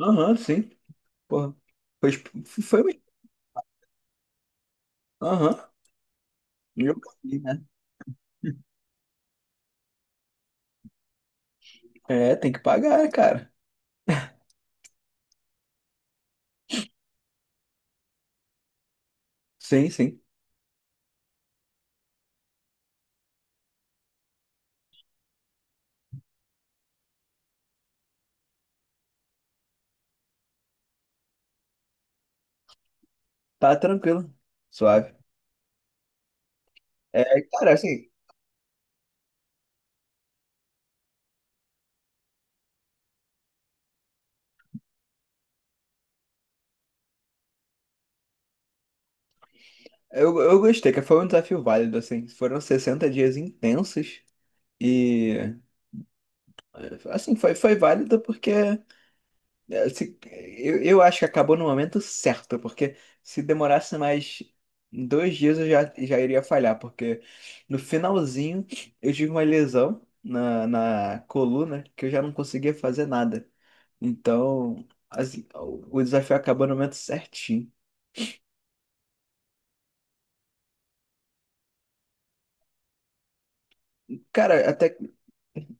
Aham, sim. Porra. Foi, foi mesmo. Aham. Eu paguei, né? É, tem que pagar, cara. Sim, sim. Tá tranquilo. Suave. É, cara, assim, eu gostei, que foi um desafio válido, assim. Foram 60 dias intensos e, assim, foi válido porque É, se- eu acho que acabou no momento certo, porque se demorasse mais 2 dias eu já iria falhar, porque no finalzinho eu tive uma lesão na coluna que eu já não conseguia fazer nada. Então, assim, o desafio acabou no momento certinho. Cara, até,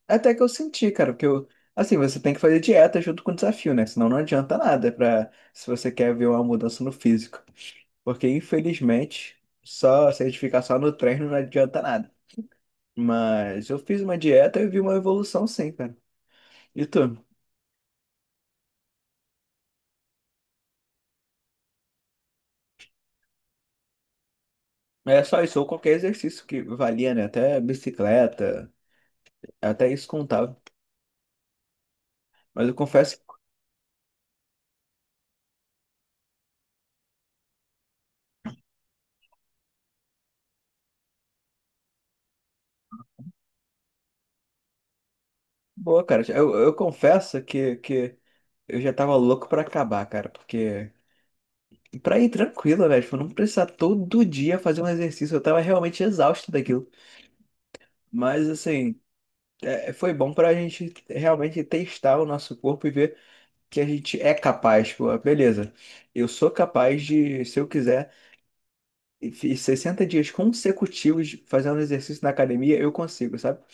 até que eu senti, cara, porque eu, assim, você tem que fazer dieta junto com o desafio, né? Senão não adianta nada pra, se você quer ver uma mudança no físico. Porque infelizmente, só se a gente ficar só no treino não adianta nada. Mas eu fiz uma dieta e vi uma evolução sim, cara. E tu? É só isso, ou qualquer exercício que valia, né? Até bicicleta, até isso contava. Mas eu confesso que, boa, cara. Eu confesso que eu já tava louco pra acabar, cara. Porque, pra ir tranquilo, né? Tipo, não precisar todo dia fazer um exercício. Eu tava realmente exausto daquilo. Mas, assim, é, foi bom pra gente realmente testar o nosso corpo e ver. Que a gente é capaz, pô, beleza. Eu sou capaz de, se eu quiser, e fiz 60 dias consecutivos fazendo exercício na academia, eu consigo, sabe?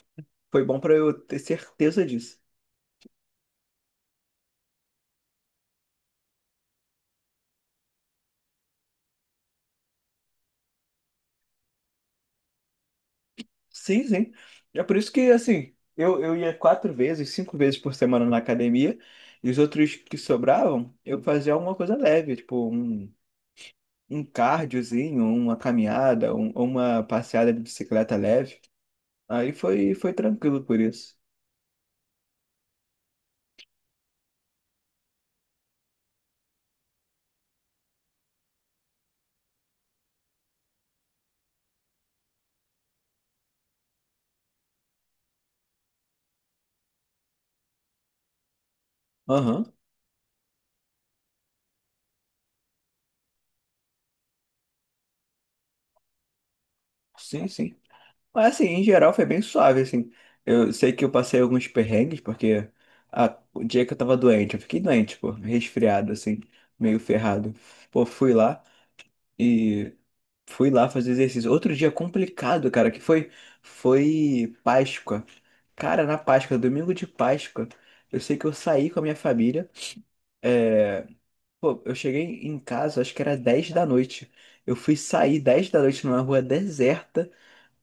Foi bom pra eu ter certeza disso. Sim, sim. É por isso que, assim, eu ia quatro vezes, cinco vezes por semana na academia, e os outros que sobravam, eu fazia alguma coisa leve, tipo um cardiozinho, uma caminhada, uma passeada de bicicleta leve. Aí foi tranquilo por isso. Aham. Sim, sim. Mas assim, em geral foi bem suave, assim. Eu sei que eu passei alguns perrengues, porque o dia que eu tava doente, eu fiquei doente, pô, resfriado, assim, meio ferrado. Pô, fui lá e fui lá fazer exercício. Outro dia complicado, cara, que foi Páscoa. Cara, na Páscoa, domingo de Páscoa, eu sei que eu saí com a minha família. É, pô, eu cheguei em casa, acho que era 10 da noite. Eu fui sair 10 da noite numa rua deserta.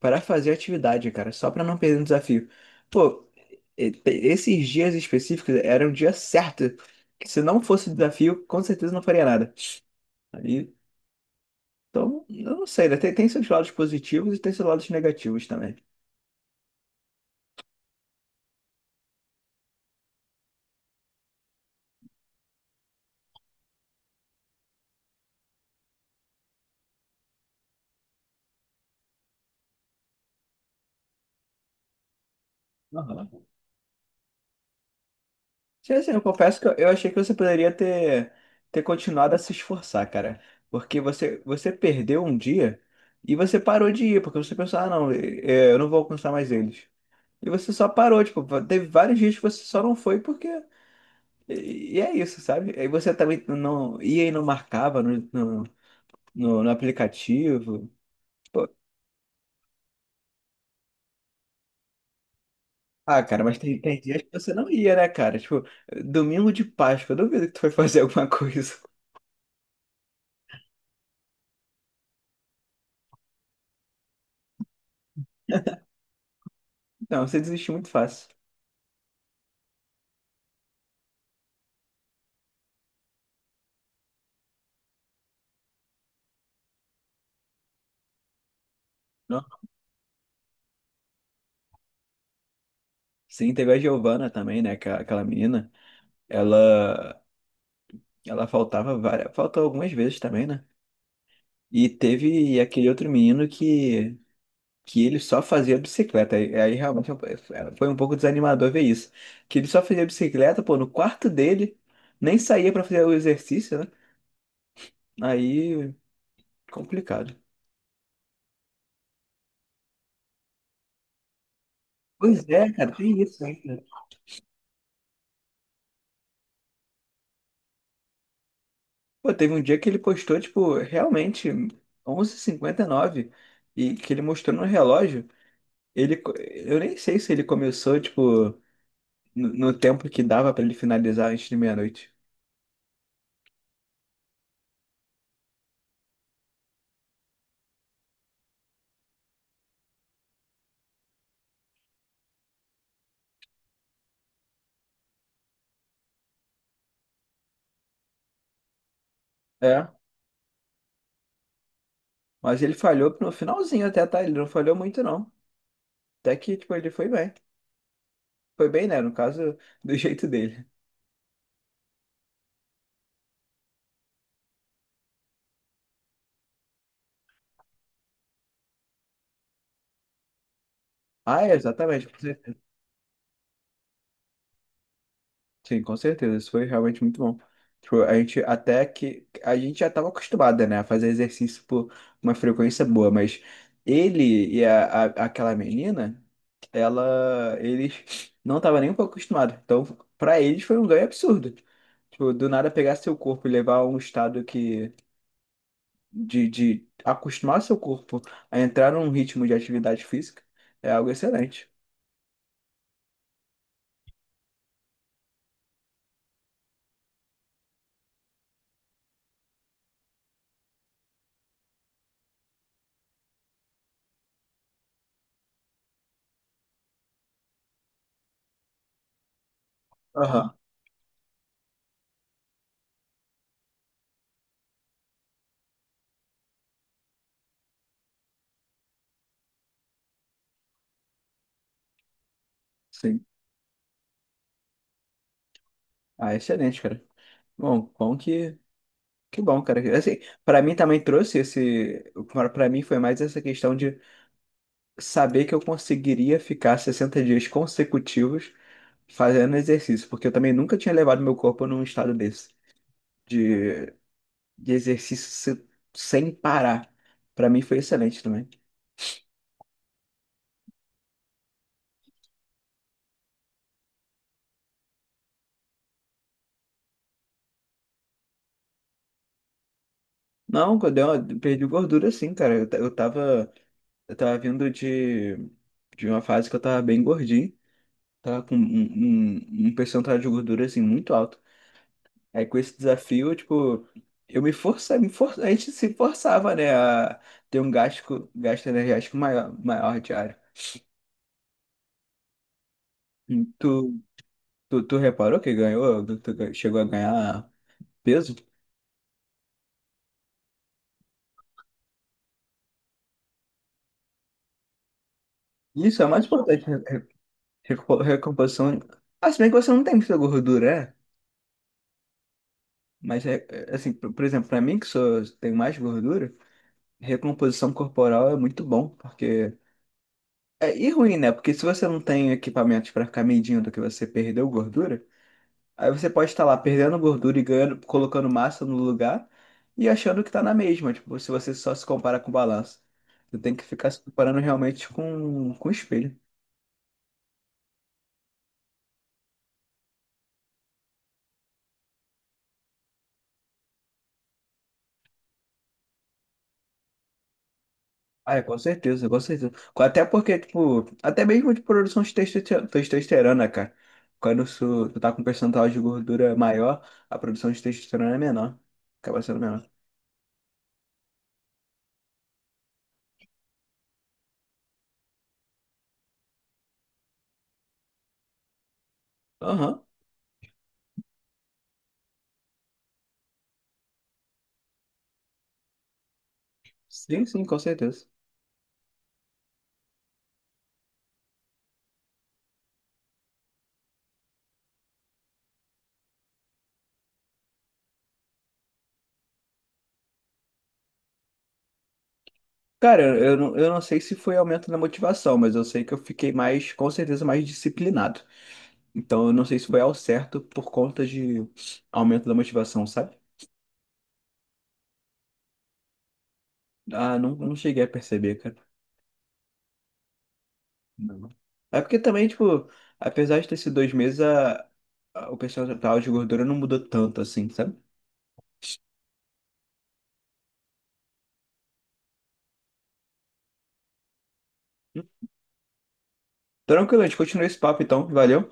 Pra fazer atividade, cara, só pra não perder o desafio. Pô, esses dias específicos eram um dia certo, que se não fosse desafio, com certeza não faria nada. Aí, então, eu não sei, né? Tem seus lados positivos e tem seus lados negativos também. Aham. Sim, assim, eu confesso que eu achei que você poderia ter continuado a se esforçar, cara. Porque você perdeu um dia e você parou de ir, porque você pensou, ah, não, eu não vou alcançar mais eles. E você só parou, tipo, teve vários dias que você só não foi porque. E é isso, sabe? Aí você também não ia e não marcava no aplicativo. Pô, ah, cara, mas tem dias que você não ia, né, cara? Tipo, domingo de Páscoa, eu duvido que tu foi fazer alguma coisa. Não, você desiste muito fácil. Não. Sim, teve a Giovana também, né? Aquela menina. Ela, ela faltava várias, faltou algumas vezes também, né? E teve aquele outro menino que ele só fazia bicicleta. Aí realmente foi um pouco desanimador ver isso. Que ele só fazia bicicleta, pô, no quarto dele, nem saía pra fazer o exercício, né? Aí, complicado. Pois é, cara, tem isso ainda. Pô, teve um dia que ele postou, tipo, realmente, 23:59 e que ele mostrou no relógio. Eu nem sei se ele começou, tipo, no tempo que dava pra ele finalizar antes de meia-noite. É, mas ele falhou no finalzinho até, tá? Ele não falhou muito, não. Até que, tipo, ele foi bem. Foi bem, né? No caso, do jeito dele. Ah, é, exatamente, com certeza. Sim, com certeza. Isso foi realmente muito bom. Tipo, a gente até que. A gente já estava acostumada, né? A fazer exercício por uma frequência boa, mas ele e aquela menina, ela. Eles não estavam nem um pouco acostumados. Então, pra eles foi um ganho absurdo. Tipo, do nada pegar seu corpo e levar a um estado que. De acostumar seu corpo a entrar num ritmo de atividade física é algo excelente. Aham. Sim. Ah, excelente, cara. Bom, bom que bom, cara. Assim, para mim também trouxe esse, para mim foi mais essa questão de saber que eu conseguiria ficar 60 dias consecutivos fazendo exercício, porque eu também nunca tinha levado meu corpo num estado desse de, de exercício se- sem parar. Para mim foi excelente também. Não, quando eu perdi gordura, sim, cara. Eu tava. Eu tava vindo de uma fase que eu tava bem gordinho, tava com um percentual de gordura assim muito alto. Aí com esse desafio, eu, tipo, eu me forçava, a gente se forçava, né, a ter um gasto, gasto energético maior, maior diário. E tu reparou que ganhou, chegou a ganhar peso? Isso é o mais importante, né? Recomposição. Ah, se bem que você não tem muita gordura, é? Mas, assim, por exemplo, pra mim que tenho mais gordura. Recomposição corporal é muito bom, porque. É, e ruim, né? Porque se você não tem equipamentos para ficar medindo que você perdeu gordura, aí você pode estar lá perdendo gordura e ganhando, colocando massa no lugar e achando que tá na mesma, tipo, se você só se compara com balança. Você tem que ficar se comparando realmente com o espelho. Ah, é, com certeza, com certeza. Até porque, tipo, até mesmo de produção de testosterona, cara. Quando tu tá com um percentual de gordura maior, a produção de testosterona é menor. Acaba sendo menor. Aham. Sim, sim, com certeza. Cara, eu não, eu não sei se foi aumento na motivação, mas eu sei que eu fiquei mais, com certeza, mais disciplinado. Então, eu não sei se foi ao certo por conta de aumento da motivação, sabe? Ah, não, não cheguei a perceber, cara. Não. É porque também, tipo, apesar de ter sido 2 meses, o percentual de gordura não mudou tanto assim, sabe? Tranquilo, a gente continua esse papo então, valeu?